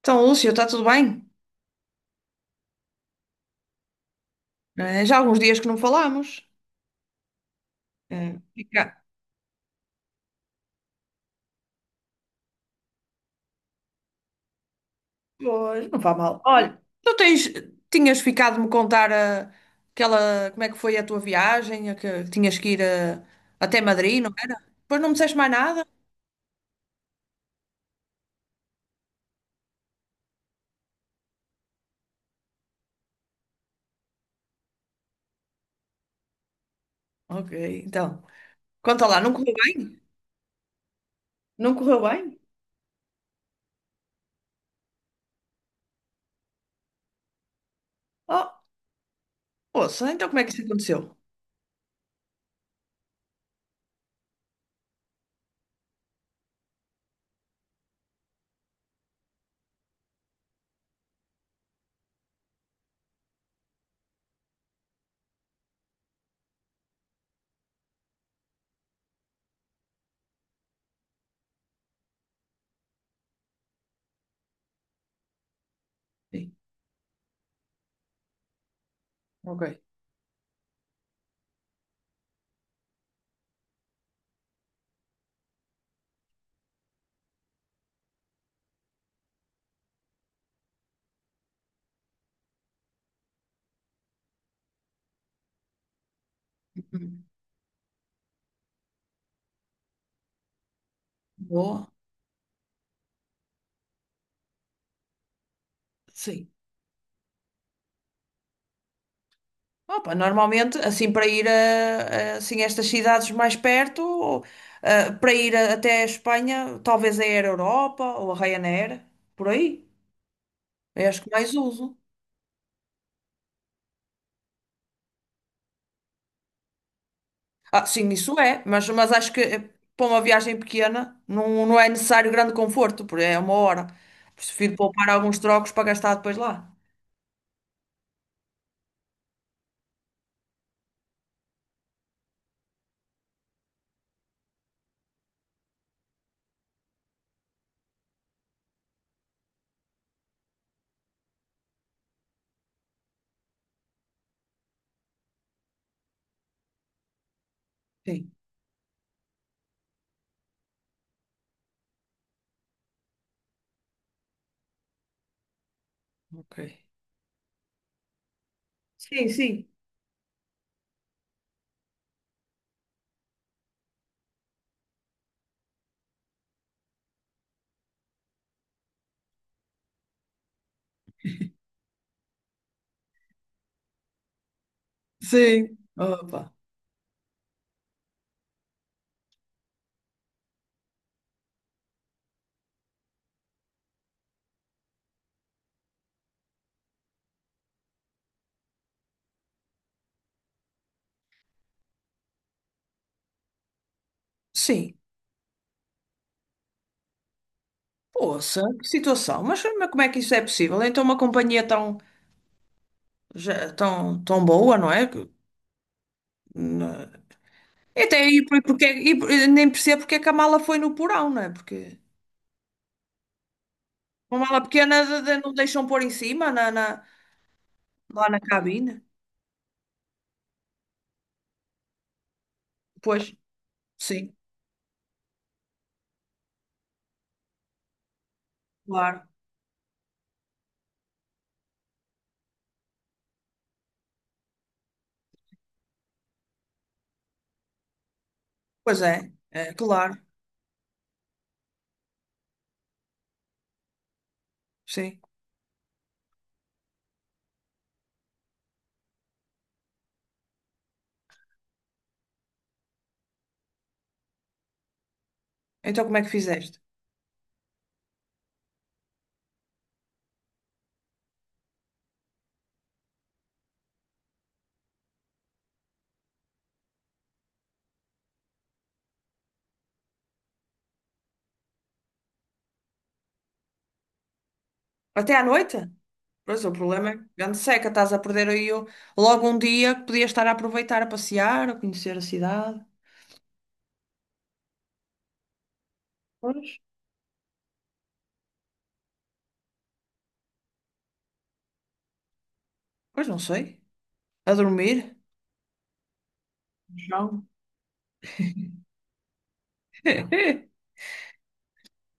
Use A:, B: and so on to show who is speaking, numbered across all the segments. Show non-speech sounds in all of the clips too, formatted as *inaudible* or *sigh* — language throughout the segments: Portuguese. A: Então, Lúcio, está tudo bem? Já há alguns dias que não falámos. Eh, fica- Pois, não faz mal. Olha, tu tens, tinhas ficado de me contar aquela, como é que foi a tua viagem, a que tinhas que ir até Madrid, não era? Depois não me disseste mais nada? Ok, então. Conta lá, não correu bem? Não correu bem? Oh, ouça, então como é que isso aconteceu? Sim, ok. Uhum. Boa. Opa, normalmente, assim, para ir assim, estas cidades mais perto, ou, para ir até a Espanha, talvez é a Air Europa ou a Ryanair, por aí. Eu acho que mais uso. Ah, sim, isso é, mas acho que para uma viagem pequena não, não é necessário grande conforto, porque é uma hora. Prefiro poupar alguns trocos para gastar depois lá. Sim. Ok. Sim, sim. Sim. Opa. Sim. Poxa, que situação. Mas como é que isso é possível? Então, uma companhia tão, tão, tão boa, não é? Então, e até aí, porque, e eu nem percebo porque é que a mala foi no porão, não é? Porque uma mala pequena não deixam pôr em cima, lá na cabine. Pois, sim, claro. Pois é, é, claro, sim. Então, como é que fizeste? Até à noite? Pois, o problema é que grande seca, estás a perder aí logo um dia que podias estar a aproveitar, a passear, a conhecer a cidade. Pois. Pois não sei. A dormir? João. *laughs*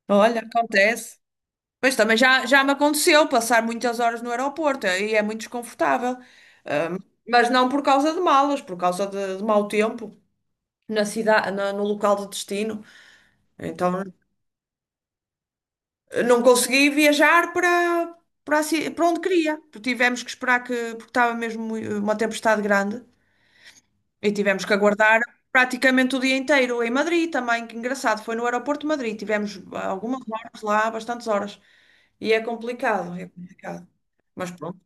A: Olha, acontece. Pois também já, já me aconteceu passar muitas horas no aeroporto e é muito desconfortável. Ahm, mas não por causa de malas, por causa de mau tempo na cidade, no local de destino. Então não consegui viajar para, para, para onde queria. Tivemos que esperar que, porque estava mesmo uma tempestade grande. E tivemos que aguardar praticamente o dia inteiro em Madrid também, que engraçado, foi no aeroporto de Madrid, tivemos algumas horas lá, bastantes horas. E é complicado, é complicado. Mas pronto,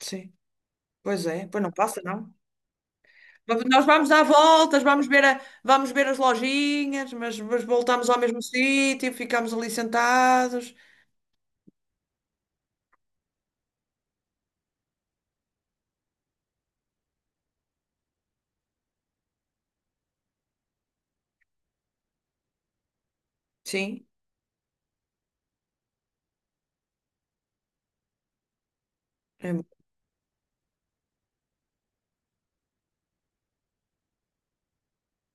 A: sim. Pois é, pois não passa, não. Mas nós vamos dar voltas, vamos ver, vamos ver as lojinhas, mas voltamos ao mesmo sítio, ficamos ali sentados. Sim, é,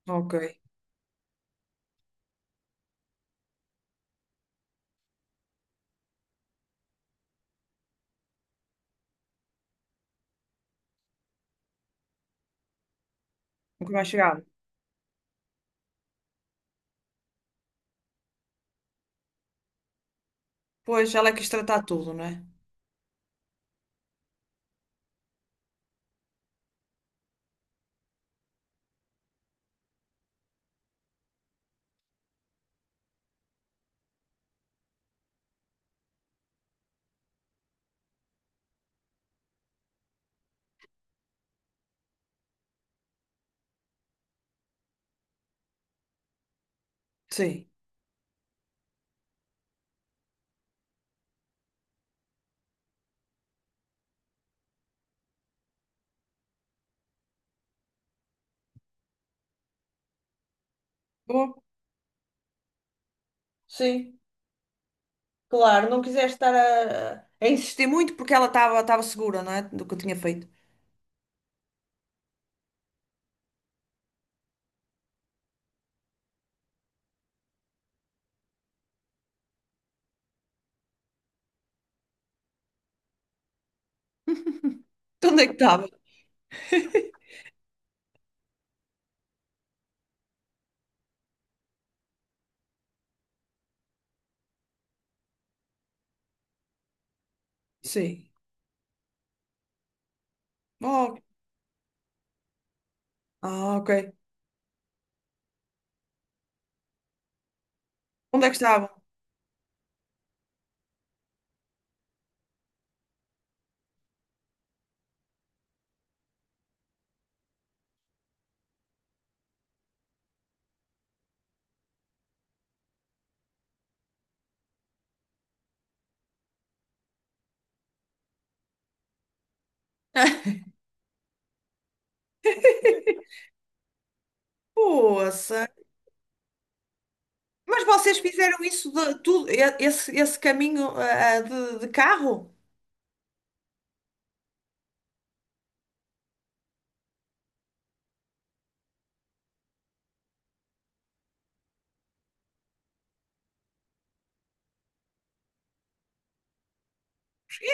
A: ok. Nunca mais chegado. Pois, ela é que quis tratar tudo, não é? Sim. Bom, sim. Claro, não quiseste estar a insistir muito porque ela estava segura, não é? Do que eu tinha feito. Então, onde é que estava? Sim. Oh, ah, ok. Onde é que estava? *laughs* Poça. Mas vocês fizeram isso de tudo, esse, esse caminho de carro?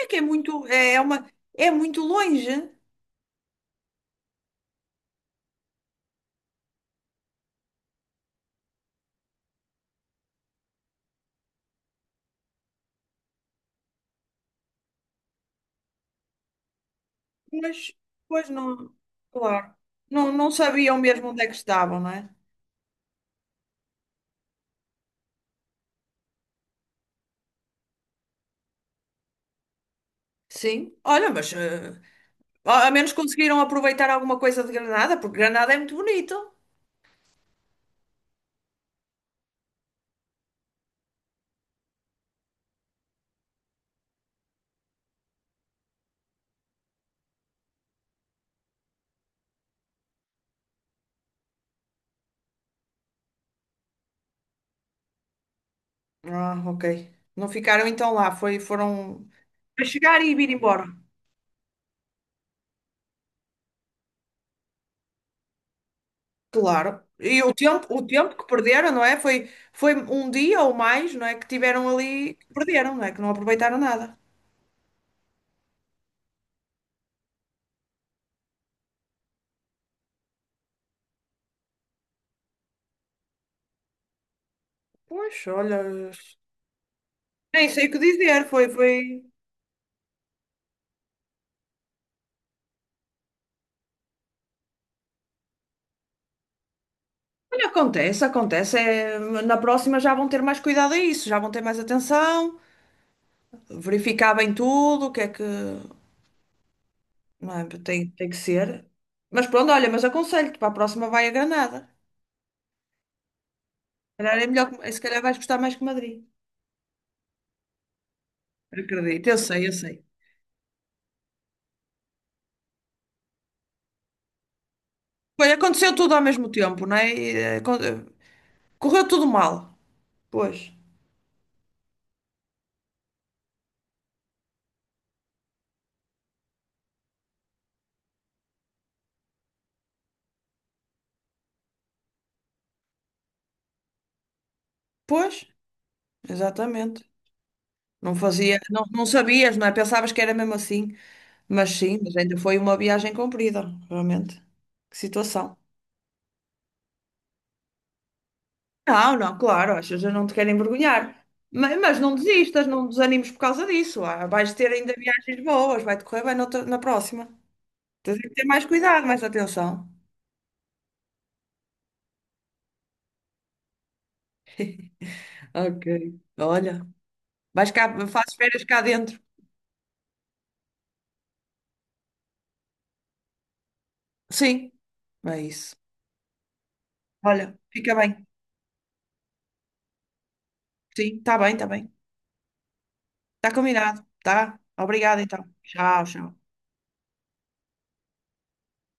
A: É que é muito, é, é uma, é muito longe, mas pois não, claro, não, não sabiam mesmo onde é que estavam, não é? Sim, olha, mas a ao menos conseguiram aproveitar alguma coisa de Granada, porque Granada é muito bonito. Ah, ok. Não ficaram então lá, foi, foram para chegar e vir embora. Claro. E o tempo que perderam, não é? Foi, foi um dia ou mais, não é? Que tiveram ali, que perderam, não é? Que não aproveitaram nada. Pois, olha, nem sei o que dizer, foi, foi. Olha, acontece, acontece. É, na próxima já vão ter mais cuidado a isso, já vão ter mais atenção, verificar bem tudo, o que é que. Não é? Tem, tem que ser. Mas pronto, olha, mas aconselho-te, para a próxima vai a Granada. Se calhar é melhor, se calhar vais gostar mais que Madrid. Acredito, eu sei, eu sei. Pois aconteceu tudo ao mesmo tempo, não é? Correu tudo mal. Pois, pois, exatamente. Não fazia, não, não sabias, não é? Pensavas que era mesmo assim. Mas sim, mas ainda foi uma viagem comprida, realmente. Que situação. Não, não, claro, as pessoas não te querem envergonhar. Mas não desistas, não desanimes por causa disso. Ah, vais ter ainda viagens boas, vai-te correr bem noutra- na próxima. Tens é que ter mais cuidado, mais atenção. Ok, olha, vais cá, fazes férias cá dentro. Sim, é isso. Olha, fica bem. Sim, está bem, está bem. Está combinado, tá? Obrigada então. Tchau, tchau.